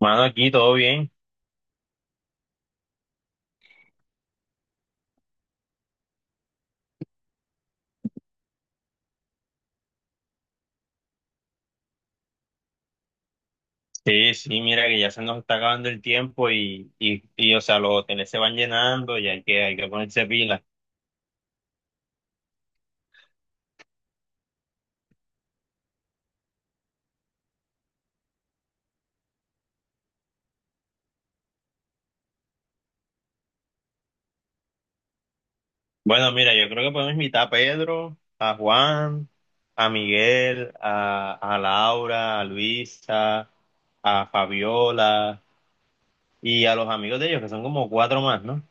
Mano, aquí todo bien. Sí, sí, mira que ya se nos está acabando el tiempo y o sea, los hoteles se van llenando y hay que ponerse pilas. Bueno, mira, yo creo que podemos invitar a Pedro, a Juan, a Miguel, a Laura, a Luisa, a Fabiola y a los amigos de ellos, que son como cuatro más, ¿no?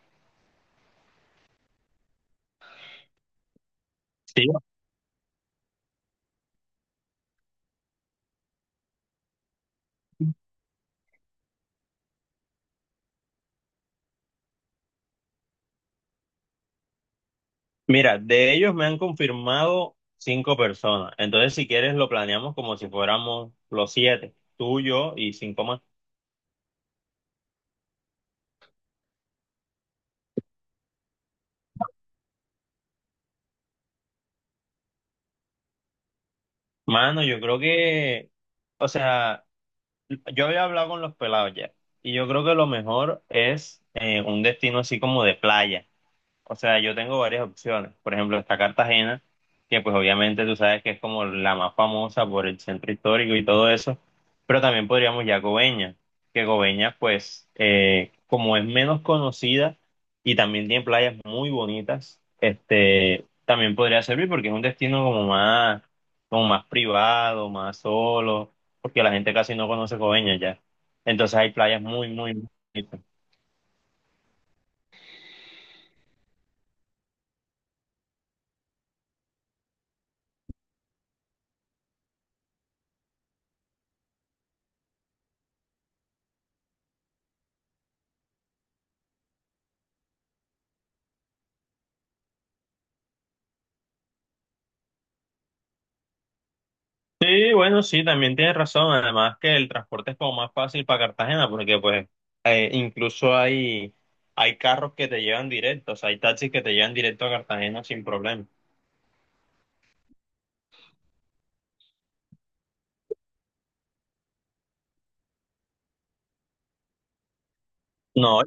Sí. Mira, de ellos me han confirmado cinco personas. Entonces, si quieres, lo planeamos como si fuéramos los siete, tú, yo y cinco más. Mano, yo creo que, o sea, yo había hablado con los pelados ya, y yo creo que lo mejor es un destino así como de playa. O sea, yo tengo varias opciones. Por ejemplo, está Cartagena, que pues obviamente tú sabes que es como la más famosa por el centro histórico y todo eso, pero también podríamos ir Coveñas, que Coveñas pues como es menos conocida y también tiene playas muy bonitas, este, también podría servir porque es un destino como más privado, más solo, porque la gente casi no conoce Coveñas ya. Entonces hay playas muy, muy bonitas. Sí, bueno, sí, también tienes razón. Además que el transporte es como más fácil para Cartagena porque pues incluso hay carros que te llevan directo, o sea, hay taxis que te llevan directo a Cartagena sin problema. No,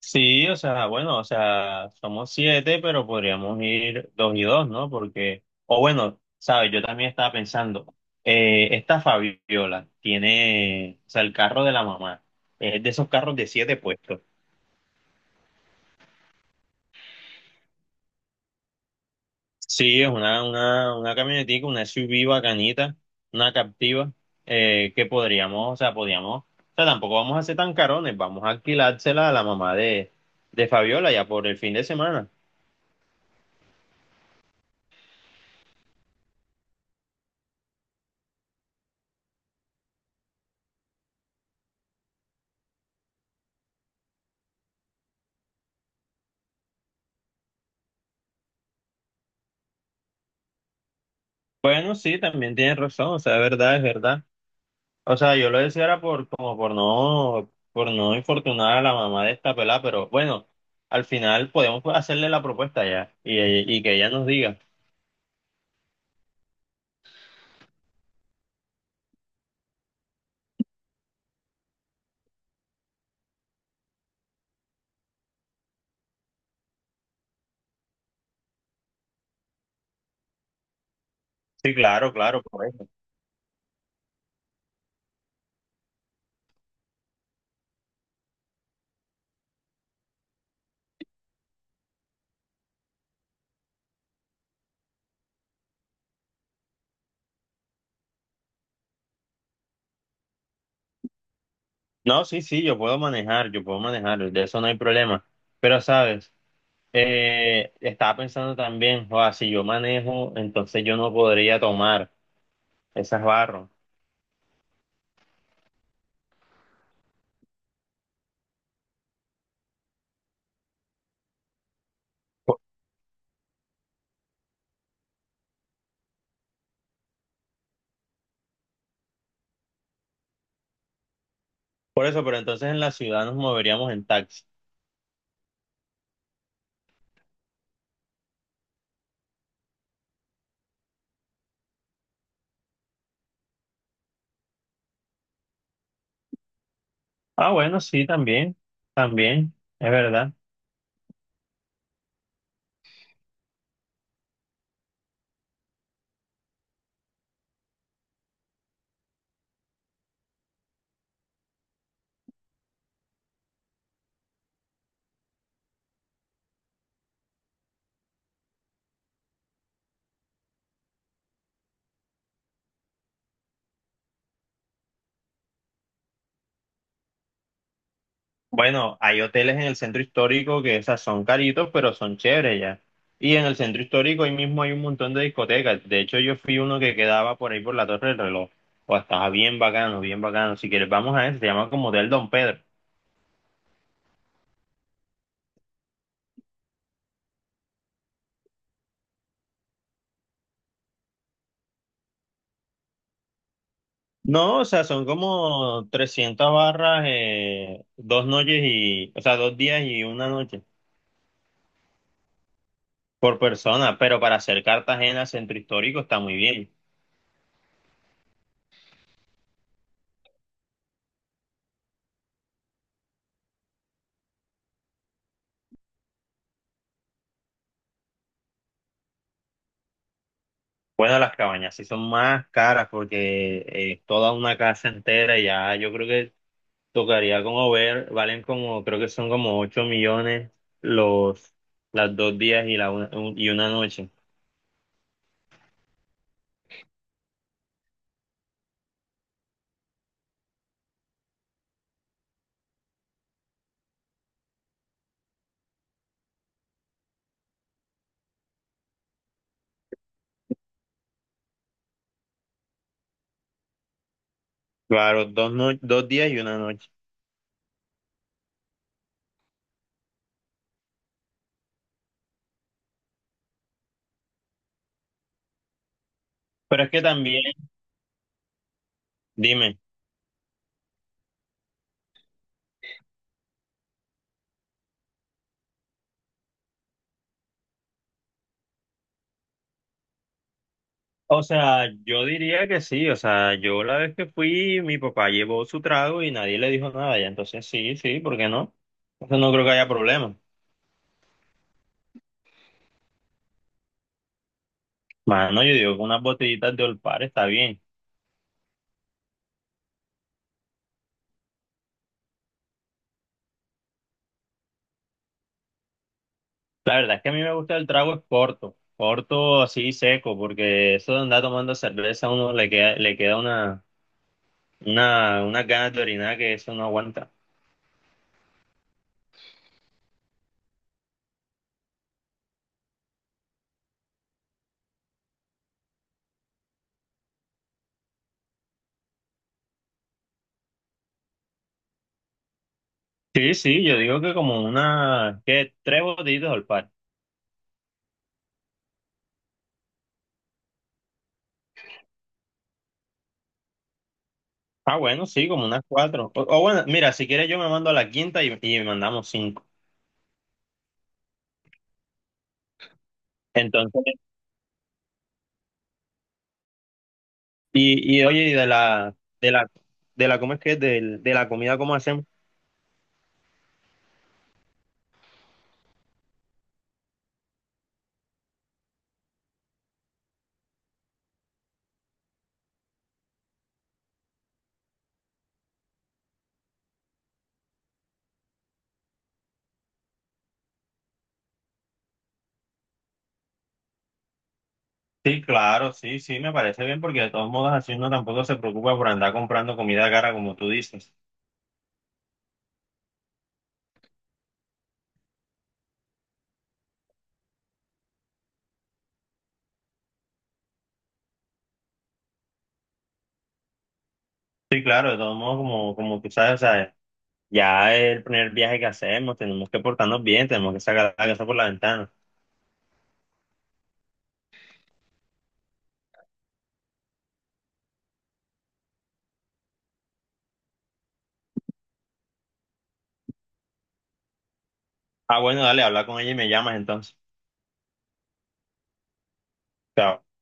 sí, o sea, bueno, o sea, somos siete, pero podríamos ir dos y dos, ¿no? Porque, o bueno, sabes, yo también estaba pensando, esta Fabiola tiene, o sea, el carro de la mamá, es de esos carros de siete puestos. Sí, es una camionetica, una SUV bacanita, una captiva, que podríamos, o sea, tampoco vamos a ser tan carones, vamos a alquilársela a la mamá de Fabiola ya por el fin de semana. Bueno, sí, también tienes razón, o sea, es verdad, es verdad. O sea, yo lo decía era como por no infortunar a la mamá de esta pelada, pero bueno, al final podemos hacerle la propuesta ya y que ella nos diga. Sí, claro, claro. No, sí, sí, yo puedo manejar, de eso no hay problema. Pero, ¿sabes? Estaba pensando también, o si yo manejo, entonces yo no podría tomar esas barras. Por, por eso, pero entonces en la ciudad nos moveríamos en taxi. Ah, bueno, sí, también, también, es verdad. Bueno, hay hoteles en el centro histórico que esas son caritos, pero son chéveres ya. Y en el centro histórico ahí mismo hay un montón de discotecas. De hecho, yo fui uno que quedaba por ahí por la Torre del Reloj. O estaba bien bacano, bien bacano. Si quieres, vamos a ese. Se llama como Hotel Don Pedro. No, o sea, son como 300 barras, 2 noches y, o sea, 2 días y 1 noche por persona. Pero para hacer Cartagena centro histórico está muy bien. Bueno, las cabañas sí son más caras porque toda una casa entera ya yo creo que tocaría como ver, valen como, creo que son como 8 millones los, las 2 días y 1 noche. Claro, dos, no- 2 días y 1 noche. Pero es que también, dime, o sea, yo diría que sí, o sea, yo la vez que fui, mi papá llevó su trago y nadie le dijo nada, ya entonces sí, sí, ¿por qué no? Entonces no creo que haya problema. Mano, yo digo que unas botellitas de Olpar está bien. La verdad es que a mí me gusta el trago es corto, corto así seco, porque eso de andar tomando cerveza a uno le queda unas ganas de orinar que eso no aguanta. Sí, sí, yo digo que como una, que tres botellitos al par. Ah, bueno, sí, como unas cuatro. O bueno, mira, si quieres yo me mando a la quinta y mandamos cinco. Entonces, y oye, de la, ¿cómo es que? Es? Del- De, la comida, ¿cómo hacemos? Sí, claro, sí, sí, me parece bien porque de todos modos así uno tampoco se preocupa por andar comprando comida cara como tú dices. Sí, claro, de todos modos como tú sabes, o sea, ya es el primer viaje que hacemos, tenemos que portarnos bien, tenemos que sacar la casa por la ventana. Ah, bueno, dale, habla con ella y me llamas entonces. Chao.